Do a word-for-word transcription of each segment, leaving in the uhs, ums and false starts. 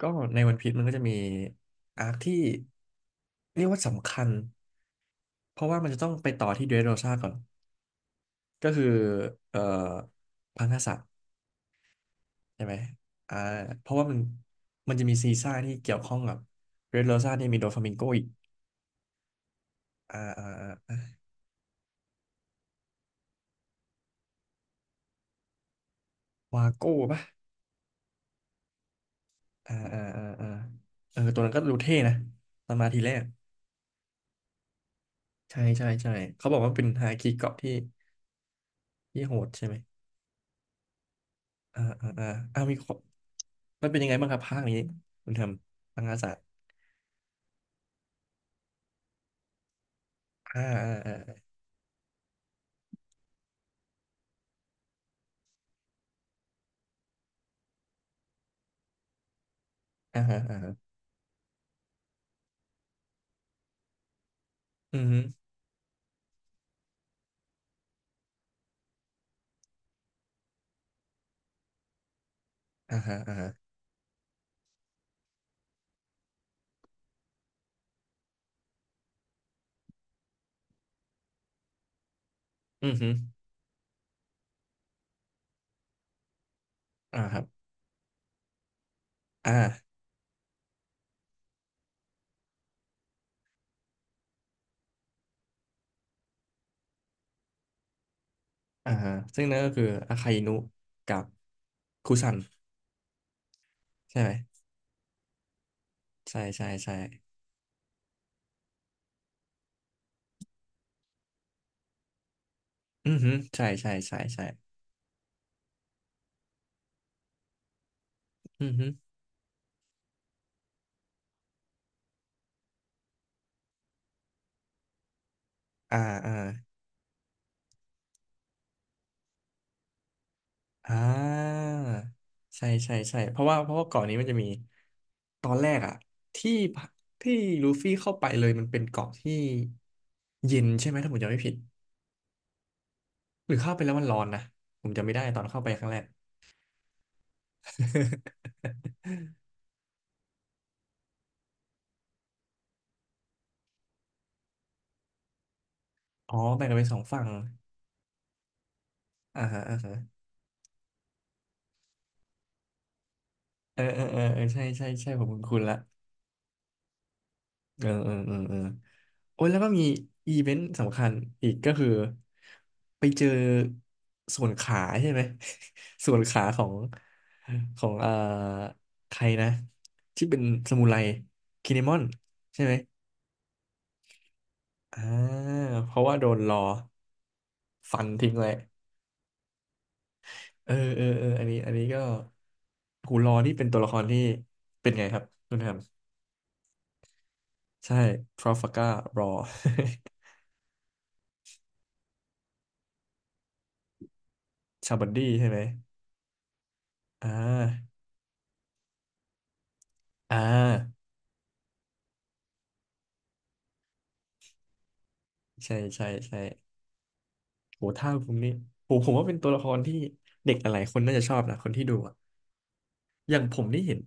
ก็ในวันพีชมันก็จะมีอาร์คที่เรียกว่าสำคัญเพราะว่ามันจะต้องไปต่อที่เดรสโรซาก่อนก็คือเอ่อพังกษัตริย์ใช่ไหมอ่าเพราะว่ามันมันจะมีซีซ่าที่เกี่ยวข้องกับเดรสโรซาเนี่ยมีโดฟามิงโกอีกอ่าอ่าอ่าอ่าวาโก้ปะอ่าอ่าอ่าอ่าเออตัวนั้นก็ดูเท่นะตอนมาทีแรกใช่ใช่ใช่เขาบอกว่าเป็นฮาคิเกาะที่ที่โหดใช่ไหมอ่าอ่าอ่าอ่ามีข้อมันเป็นยังไงบ้างครับภาคนี้คุณทำพังกษัตริย์ อ่าอ่าอ่าอ่าฮะอ่าฮะอืมฮึอ่าฮะอ่าฮะอืมฮึอ่าครับอ่าอ่าฮะซึ่งนั่นก็คืออาคาอินุกับคุซันใช่ไหมใช่ใช่ใช่อืมฮึใช่ใช่ใช่ใช่อืมฮึอ่าอ่าอ่าใช่ใช่ใช่เพราะว่าเพราะว่าเกาะนี้มันจะมีตอนแรกอะที่ที่ลูฟี่เข้าไปเลยมันเป็นเกาะที่เย็นใช่ไหมถ้าผมจำไม่ผิดหรือเข้าไปแล้วมันร้อนนะผมจำไม่ได้ตอนเข้าไปครั้งแรก อ๋อแบ่งกันเป็นสองฝั่งอ่าฮะ อ่าฮะเออเออเออเออใช่ใช่ใช่ผมคุ้นๆละเออเออเออเออโอ้ย แล้วก็มีอีเวนต์สำคัญอีกก็คือไปเจอส่วนขาใช่ไหม ส่วนขาของของเอ่อใครนะที่เป็นสมุไรคิเนมอนใช่ไหม อ่า เพราะว่าโดนรอฟันทิ้งไว้เออเออเออ อันนี้อันนี้ก็หูรอนี่เป็นตัวละครที่เป็นไงครับคุณแฮม ใช่ทราฟาการ์ a อ ชาบันดี้ใช่ไหมอ่าอ่าใช่ใช่ใช่โหท่าผมนี่โหผมว่าเป็นตัวละครที่เด็กหลายๆคนน่าจะชอบนะคนที่ดูอะอย่างผมนี่เห็น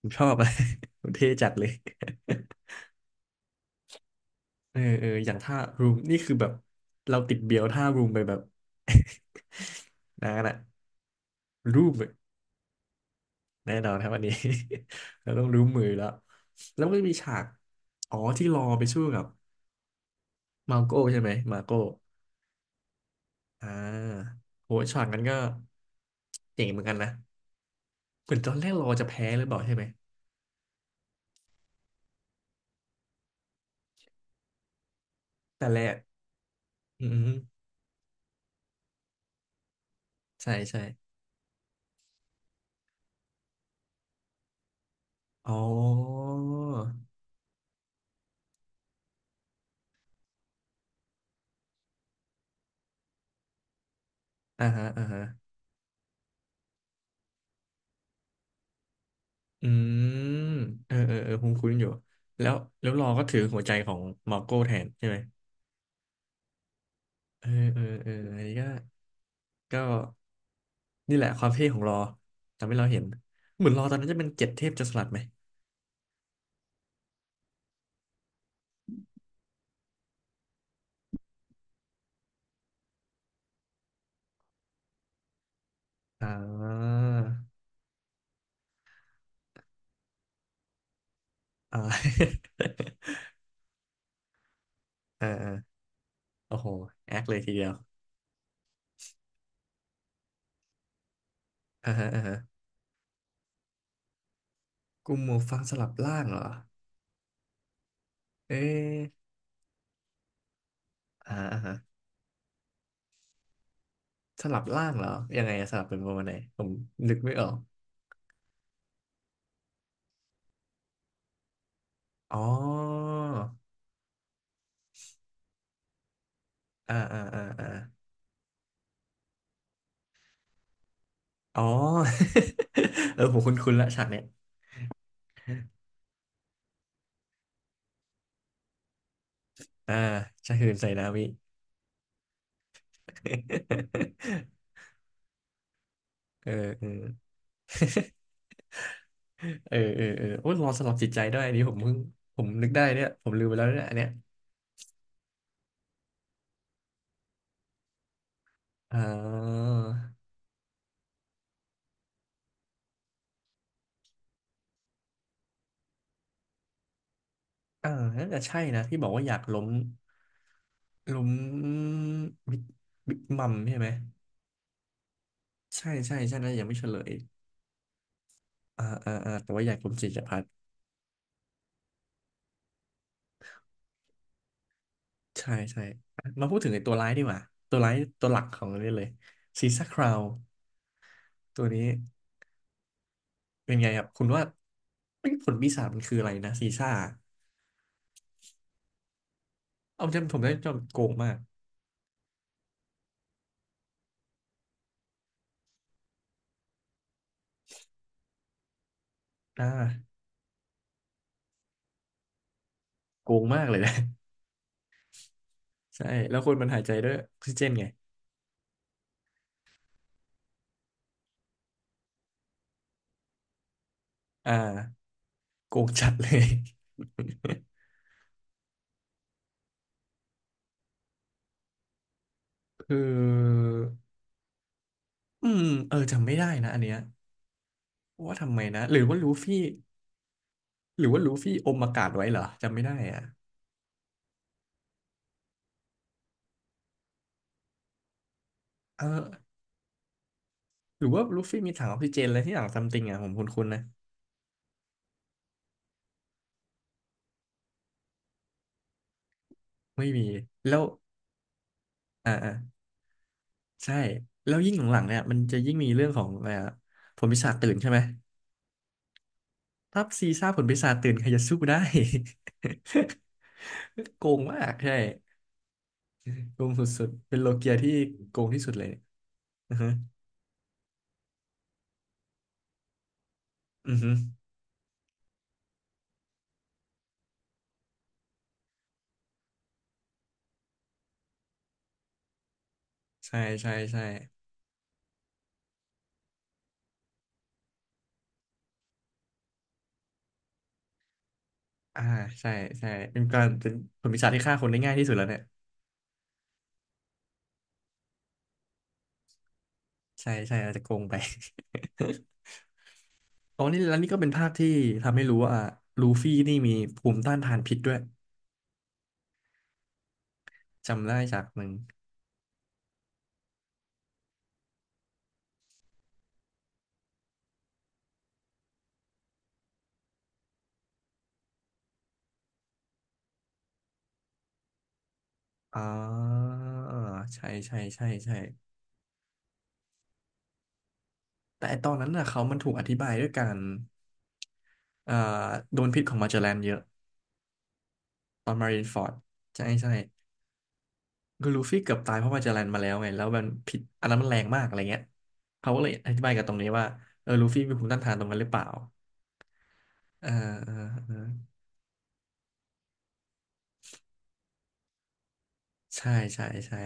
ผมชอบอะ ผมเท่จัดเลย เออเอออย่างท่ารูมนี่คือแบบเราติดเบียวท่ารูมไปแบบ นานอะรูมอะแน่นอนครับอันนี้ เราต้องรู้มือแล้วแล้วมันก็มีฉากอ๋อที่รอไปสู้กับมาโก้ใช่ไหมมาโก้ อ่าโหช็อตนั้นก็เจ๋งเหมือนกันนะ เหมือนตอนแรกเราจะแพ้หรือเปล่าใช่ไหม แต่แรกอืม ใช่ใช่อ๋ออ่าฮะอ่าฮะอืม เออเออเออคุ้นคุ้นอยู่ แล้ว แล้วรอก็ถือหัวใจของมาร์โก้แทนใช่ไหมเออเออเอออันนี้ก็ก็นี่แหละความเท่ของรอทำให้เราเห็น เหมือนรอตอนนั้นจะเป็นเจ็ดเทพจะสลัดไหมอ่าอ่า ออเออโอ้โห แอคเลยทีเดียว อ่าฮะอ่าฮะกลุ่มหมวกฟางสลับล่างเหรอเอ๊ะอ่าอ่าฮะสลับล่างเหรอยังไงอะสลับเป็นประมาณไหนผมนึกไม่ออกอ๋ออ่าอ่าอ่าอ่าอ๋อ เออผมคุ้นๆละฉากเนี้ยอ่าชาฮืนใส่นามิ เออ เออเออเออเออโอ้ยรอสลับจิตใจด้วยอันนี้ผมเพิ่งผมนึกได้เนี่ยผมลืมไปแล้วเนี่ยอันเนี้ยอ่าอ่าน่าจะใช่นะที่บอกว่าอยากล้มล้มบิ๊กบิ๊กมัมใช่ไหม ใช่ใช่ใช่นะยังไม่เฉลยอ่าอ่าอ่าแต่ว่าอยากรู้จิตภัทรใช่ใช่อ่ะมาพูดถึงไอ้ตัวร้ายดีกว่า ตัวร้ายตัวหลักของเรื่องเลยซีซ่าคราวตัวนี้เป็นไงครับคุณว่าเอ้ยผลปีศาจมันคืออะไรนะซีซ่าเอาจำผมได้จำโกงมากอ่าโกงมากเลยนะ ใช่แล้วคนมันหายใจด้วยออกซิเจนไง อ่าโกงจัดเลย คืออืมเออจำไม่ได้นะอันเนี้ยว่าทำไมนะหรือว่าลูฟี่ หรือว่าลูฟี่อมอากาศไว้เหรอจำไม่ได้อ่ะเออหรือว่าลูฟี่มีถังออกซิเจนอะไรที่หลังซัมติงอ่ะผมคุ้นๆนะไม่มีแล้วอ่าอ่าใช่แล้วยิ่งหลังๆเนี่ยมันจะยิ่งมีเรื่องของอะไรอะผลปีศาจตื่นใช่ไหมถ้าซีซ่าผลปีศาจตื่นใครจะสู้ได้ โกงมากใช่โกงสุดๆเป็นโลเกียที่โกงที่สุดเลยอือฮึอือฮึใช่ใช่ใช่อ่าใช่ใช่เป็นการเป็นผลปีศาจที่ฆ่าคนได้ง่ายที่สุดแล้วเนี่ยใช่ใช่เราจะโกงไป ตอนนี้แล้วนี่ก็เป็นภาคที่ทำให้รู้ว่าลูฟี่นี่มีภูมิต้านทานพิษด้วยจำได้จากหนึ่งอ่าใช่ใช่ใช่ใช่แต่ไอ้ตอนนั้นน่ะเขามันถูกอธิบายด้วยการเอ่อโดนพิษของมาเจลแลนเยอะตอนมารินฟอร์ดใช่ใช่คือลูฟี่เกือบตายเพราะมาเจลแลนมาแล้วไงแล้วมันพิษอันนั้นมันแรงมากอะไรเงี้ยเขาก็เลยอธิบายกับตรงนี้ว่าเออลูฟี่มีภูมิต้านทานตรงนั้นหรือเปล่าเออเออเออใช่ใช่ใช่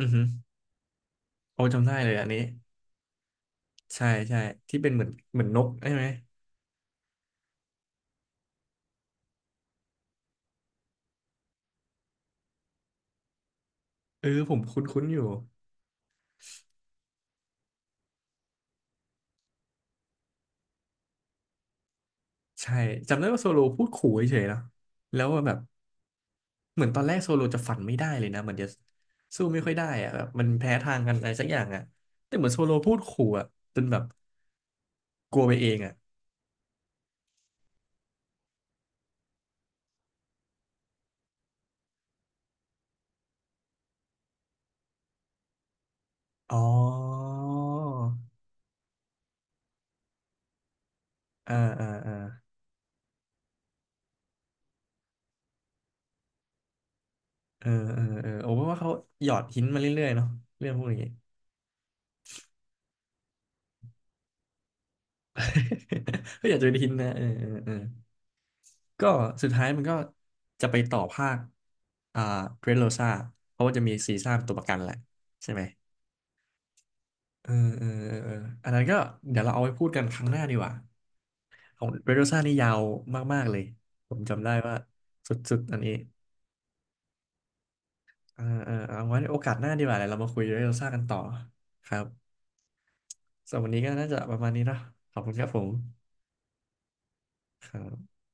อือฮึโอ้จำได้เลยอันนี้ ใช่ใช่ที่เป็นเหมือนเหมือนนกใช่ไหมเออผมคุ้นๆอยู่ใช่จำได้ว่าโซโลพูดขู่เฉยๆนะแล้วแบบเหมือนตอนแรกโซโลจะฝันไม่ได้เลยนะเหมือนจะสู้ไม่ค่อยได้อะแบบมันแพ้ทางกันอะไรสักอย่างอะแต่เหมือนโซโลพูดขู่อะจนแบบกลัวไปเองอะอ๋ออ่าอ่าอ่าเออเออเออโอ้เพราะว่าเขาหยอดหินมาเรื่อยๆเนาะเรื่องพวกนี้ ก็อยากจะเป็นหินนะเออเออเออ ก็สุดท้ายมันก็จะไปต่อภาคอ่าเดรสโรซาเพราะว่าจะมีซีซ่าเป็นตัวประกันแหละใช่ไหมเออเออเออเอออันนั้นก็เดี๋ยวเราเอาไว้พูดกันครั้งหน้าดีกว่าของเดรสโรซานี่ยาวมากๆเลยผมจำได้ว่าสุดๆอันนี้เออเออเอาไว้โอกาสหน้าดีกว่าเดี๋ยวเรามาคุยเดรสโรซากันต่อครับสำหรับวันนี้ก็น่าจะประมาณนี้เนอะขอบคุณครับผมครับ